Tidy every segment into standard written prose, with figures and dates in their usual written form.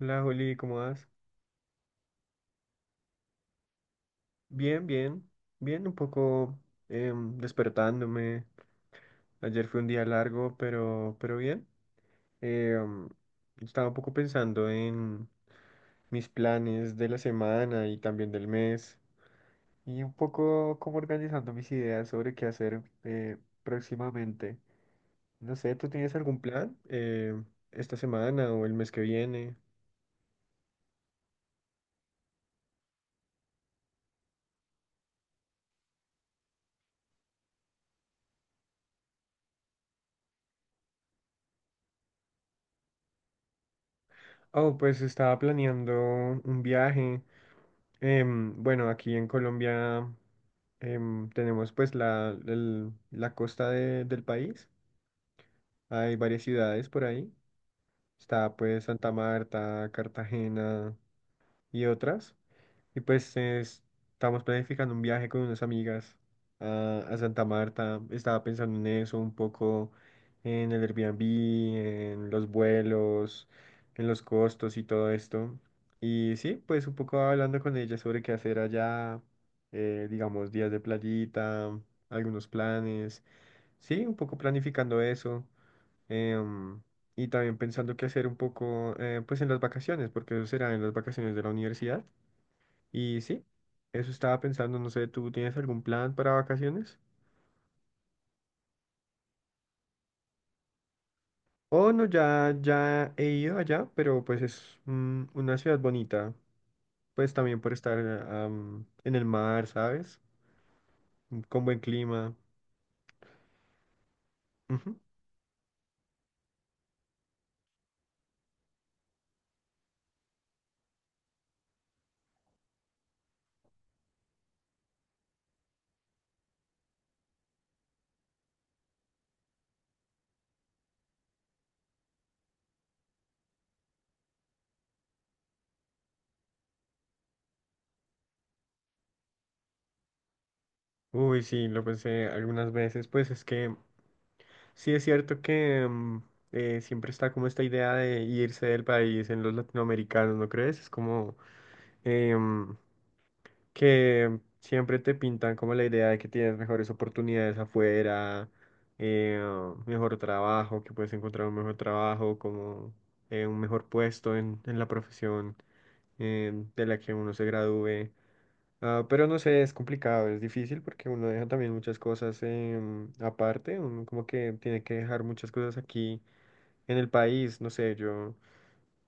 Hola, Juli, ¿cómo vas? Bien, bien, bien, un poco despertándome. Ayer fue un día largo, pero, bien. Em, Estaba un poco pensando en mis planes de la semana y también del mes, y un poco como organizando mis ideas sobre qué hacer, próximamente. No sé, ¿tú tienes algún plan esta semana o el mes que viene? Oh, pues estaba planeando un viaje. Bueno, aquí en Colombia tenemos pues la costa del país. Hay varias ciudades por ahí. Está pues Santa Marta, Cartagena y otras. Y pues estamos planificando un viaje con unas amigas a Santa Marta. Estaba pensando en eso un poco, en el Airbnb, en los vuelos, en los costos y todo esto. Y sí, pues un poco hablando con ella sobre qué hacer allá, digamos, días de playita, algunos planes. Sí, un poco planificando eso. em, y también pensando qué hacer un poco, pues en las vacaciones, porque eso será en las vacaciones de la universidad. Y sí, eso estaba pensando, no sé, ¿tú tienes algún plan para vacaciones? Oh, no, ya he ido allá, pero pues es una ciudad bonita, pues también por estar en el mar, ¿sabes? Mm, con buen clima. Ujú. Uy, sí, lo pensé algunas veces, pues es que sí es cierto que siempre está como esta idea de irse del país en los latinoamericanos, ¿no crees? Es como… em, que siempre te pintan como la idea de que tienes mejores oportunidades afuera, eh, mejor trabajo, que puedes encontrar un mejor trabajo, como un mejor puesto en la profesión, de la que uno se gradúe. Ah, pero no sé, es complicado, es difícil porque uno deja también muchas cosas. Aparte, uno como que tiene que dejar muchas cosas aquí en el país, no sé, yo…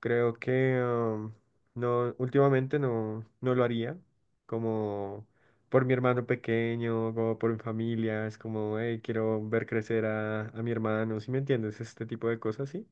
Creo que no, últimamente no, no lo haría, como por mi hermano pequeño, como por mi familia, es como, hey, quiero ver crecer a mi hermano, ¿sí me entiendes? Este tipo de cosas, ¿sí?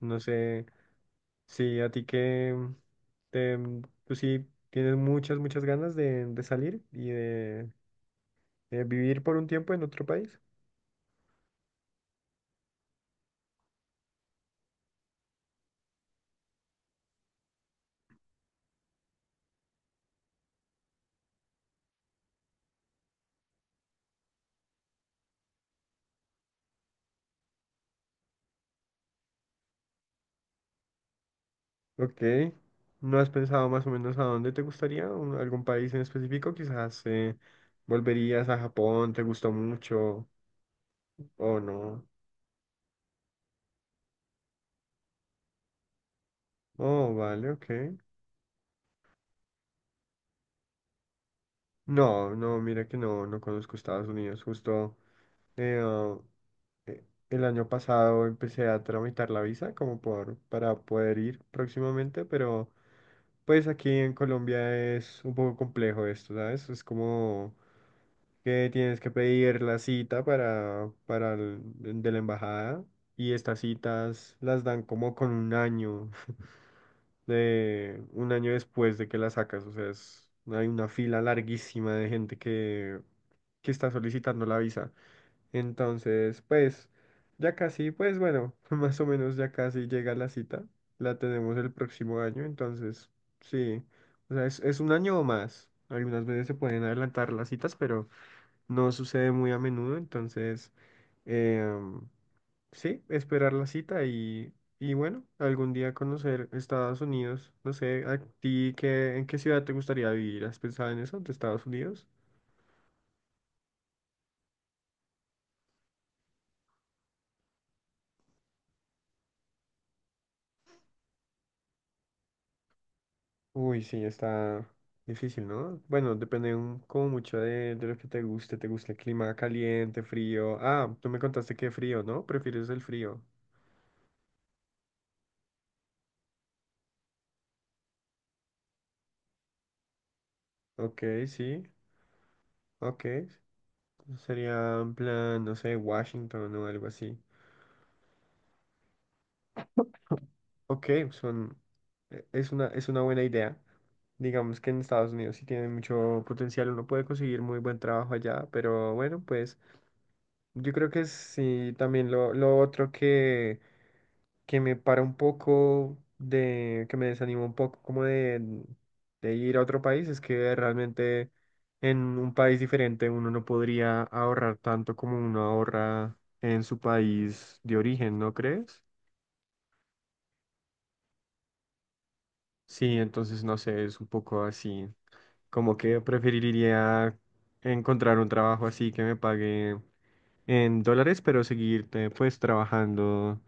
No sé si a ti te, tú sí tienes muchas ganas de salir y de vivir por un tiempo en otro país. Ok. ¿No has pensado más o menos a dónde te gustaría? ¿Un- ¿Algún país en específico? Quizás volverías a Japón, ¿te gustó mucho o no? Oh, vale, ok. No, no, mira que no, no conozco Estados Unidos. Justo eh, ah, el año pasado empecé a tramitar la visa como por, para poder ir próximamente, pero pues aquí en Colombia es un poco complejo esto, ¿sabes? Es como… que tienes que pedir la cita para de la embajada, y estas citas las dan como con un año, de un año después de que las sacas, o sea, hay una fila larguísima de gente que está solicitando la visa. Entonces, pues ya casi, pues bueno, más o menos ya casi llega la cita. La tenemos el próximo año, entonces sí. O sea, es un año o más. Algunas veces se pueden adelantar las citas, pero no sucede muy a menudo, entonces em, sí, esperar la cita y bueno, algún día conocer Estados Unidos. No sé, ¿a ti qué, en qué ciudad te gustaría vivir? ¿Has pensado en eso, de Estados Unidos? Uy, sí, está difícil, ¿no? Bueno, depende como mucho de lo que te guste. ¿Te gusta el clima caliente, frío? Ah, tú me contaste que frío, ¿no? ¿Prefieres el frío? Ok, sí, ok. Sería en plan, no sé, Washington o algo así. Ok, son, es una buena idea. Digamos que en Estados Unidos sí tiene mucho potencial, uno puede conseguir muy buen trabajo allá, pero bueno, pues yo creo que sí, también lo otro que me para un poco que me desanima un poco como de ir a otro país es que realmente en un país diferente uno no podría ahorrar tanto como uno ahorra en su país de origen, ¿no crees? Sí, entonces no sé, es un poco así. Como que preferiría encontrar un trabajo así que me pague en dólares, pero seguir pues trabajando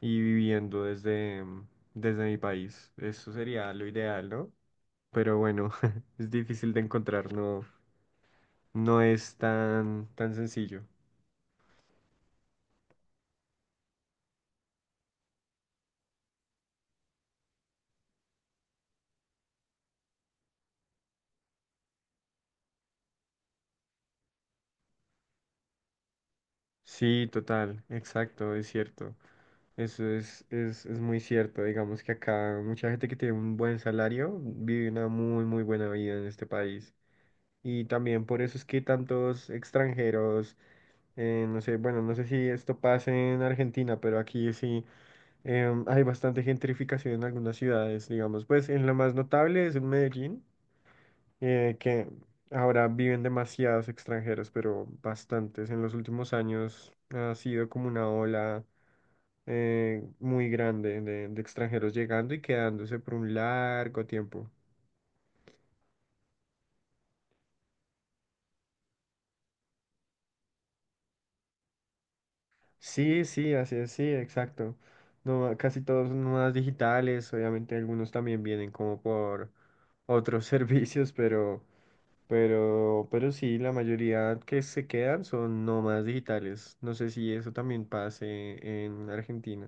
y viviendo desde, desde mi país. Eso sería lo ideal, ¿no? Pero bueno, es difícil de encontrar, no, no es tan, tan sencillo. Sí, total, exacto, es cierto. Eso es muy cierto. Digamos que acá mucha gente que tiene un buen salario vive una muy, muy buena vida en este país. Y también por eso es que tantos extranjeros, no sé, bueno, no sé si esto pasa en Argentina, pero aquí sí hay bastante gentrificación en algunas ciudades, digamos. Pues en lo más notable es en Medellín, que ahora viven demasiados extranjeros, pero bastantes. En los últimos años ha sido como una ola muy grande de extranjeros llegando y quedándose por un largo tiempo. Sí, sí, así es, sí, exacto. No, casi todos son nómadas digitales, obviamente algunos también vienen como por otros servicios, pero, sí, la mayoría que se quedan son nómadas digitales. No sé si eso también pase en Argentina.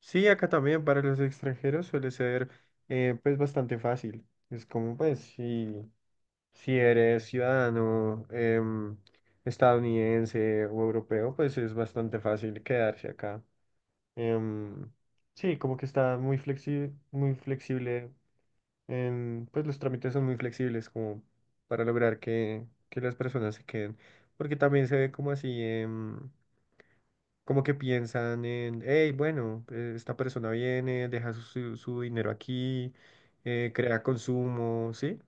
Sí, acá también para los extranjeros suele ser pues bastante fácil. Es como pues sí. Si eres ciudadano estadounidense o europeo, pues es bastante fácil quedarse acá. Em, sí, como que está muy flexible pues los trámites son muy flexibles como para lograr que las personas se queden. Porque también se ve como así, como que piensan en, hey, bueno, esta persona viene, deja su, su dinero aquí, crea consumo, ¿sí?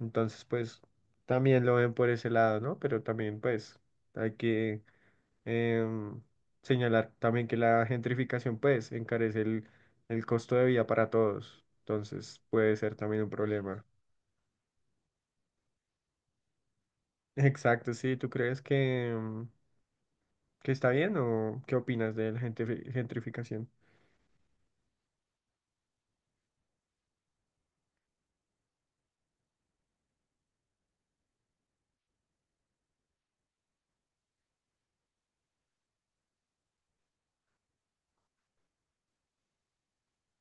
Entonces, pues, también lo ven por ese lado, ¿no? Pero también, pues, hay que em, señalar también que la gentrificación, pues, encarece el costo de vida para todos. Entonces, puede ser también un problema. Exacto, sí. ¿Tú crees que, que está bien o qué opinas de la gentrificación?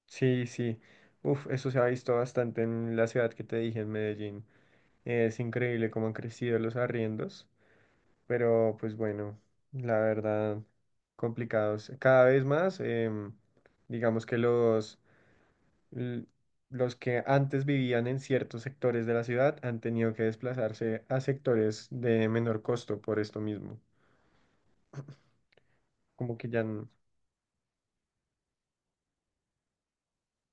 Sí, sí. Uf, eso se ha visto bastante en la ciudad que te dije, en Medellín. Es increíble cómo han crecido los arriendos. Pero pues bueno, la verdad, complicados. Cada vez más, digamos que los, l- los que antes vivían en ciertos sectores de la ciudad han tenido que desplazarse a sectores de menor costo por esto mismo. Como que ya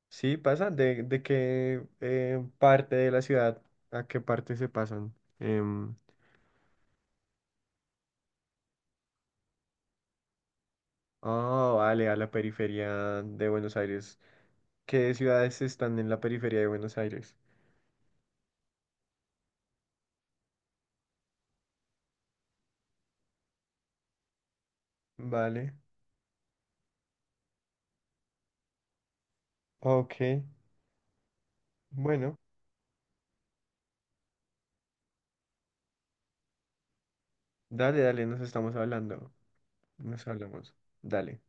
sí pasa, de qué parte de la ciudad a qué parte se pasan. Oh, vale, a la periferia de Buenos Aires. ¿Qué ciudades están en la periferia de Buenos Aires? Vale, ok. Bueno, dale, dale, nos estamos hablando. Nos hablamos. Dale.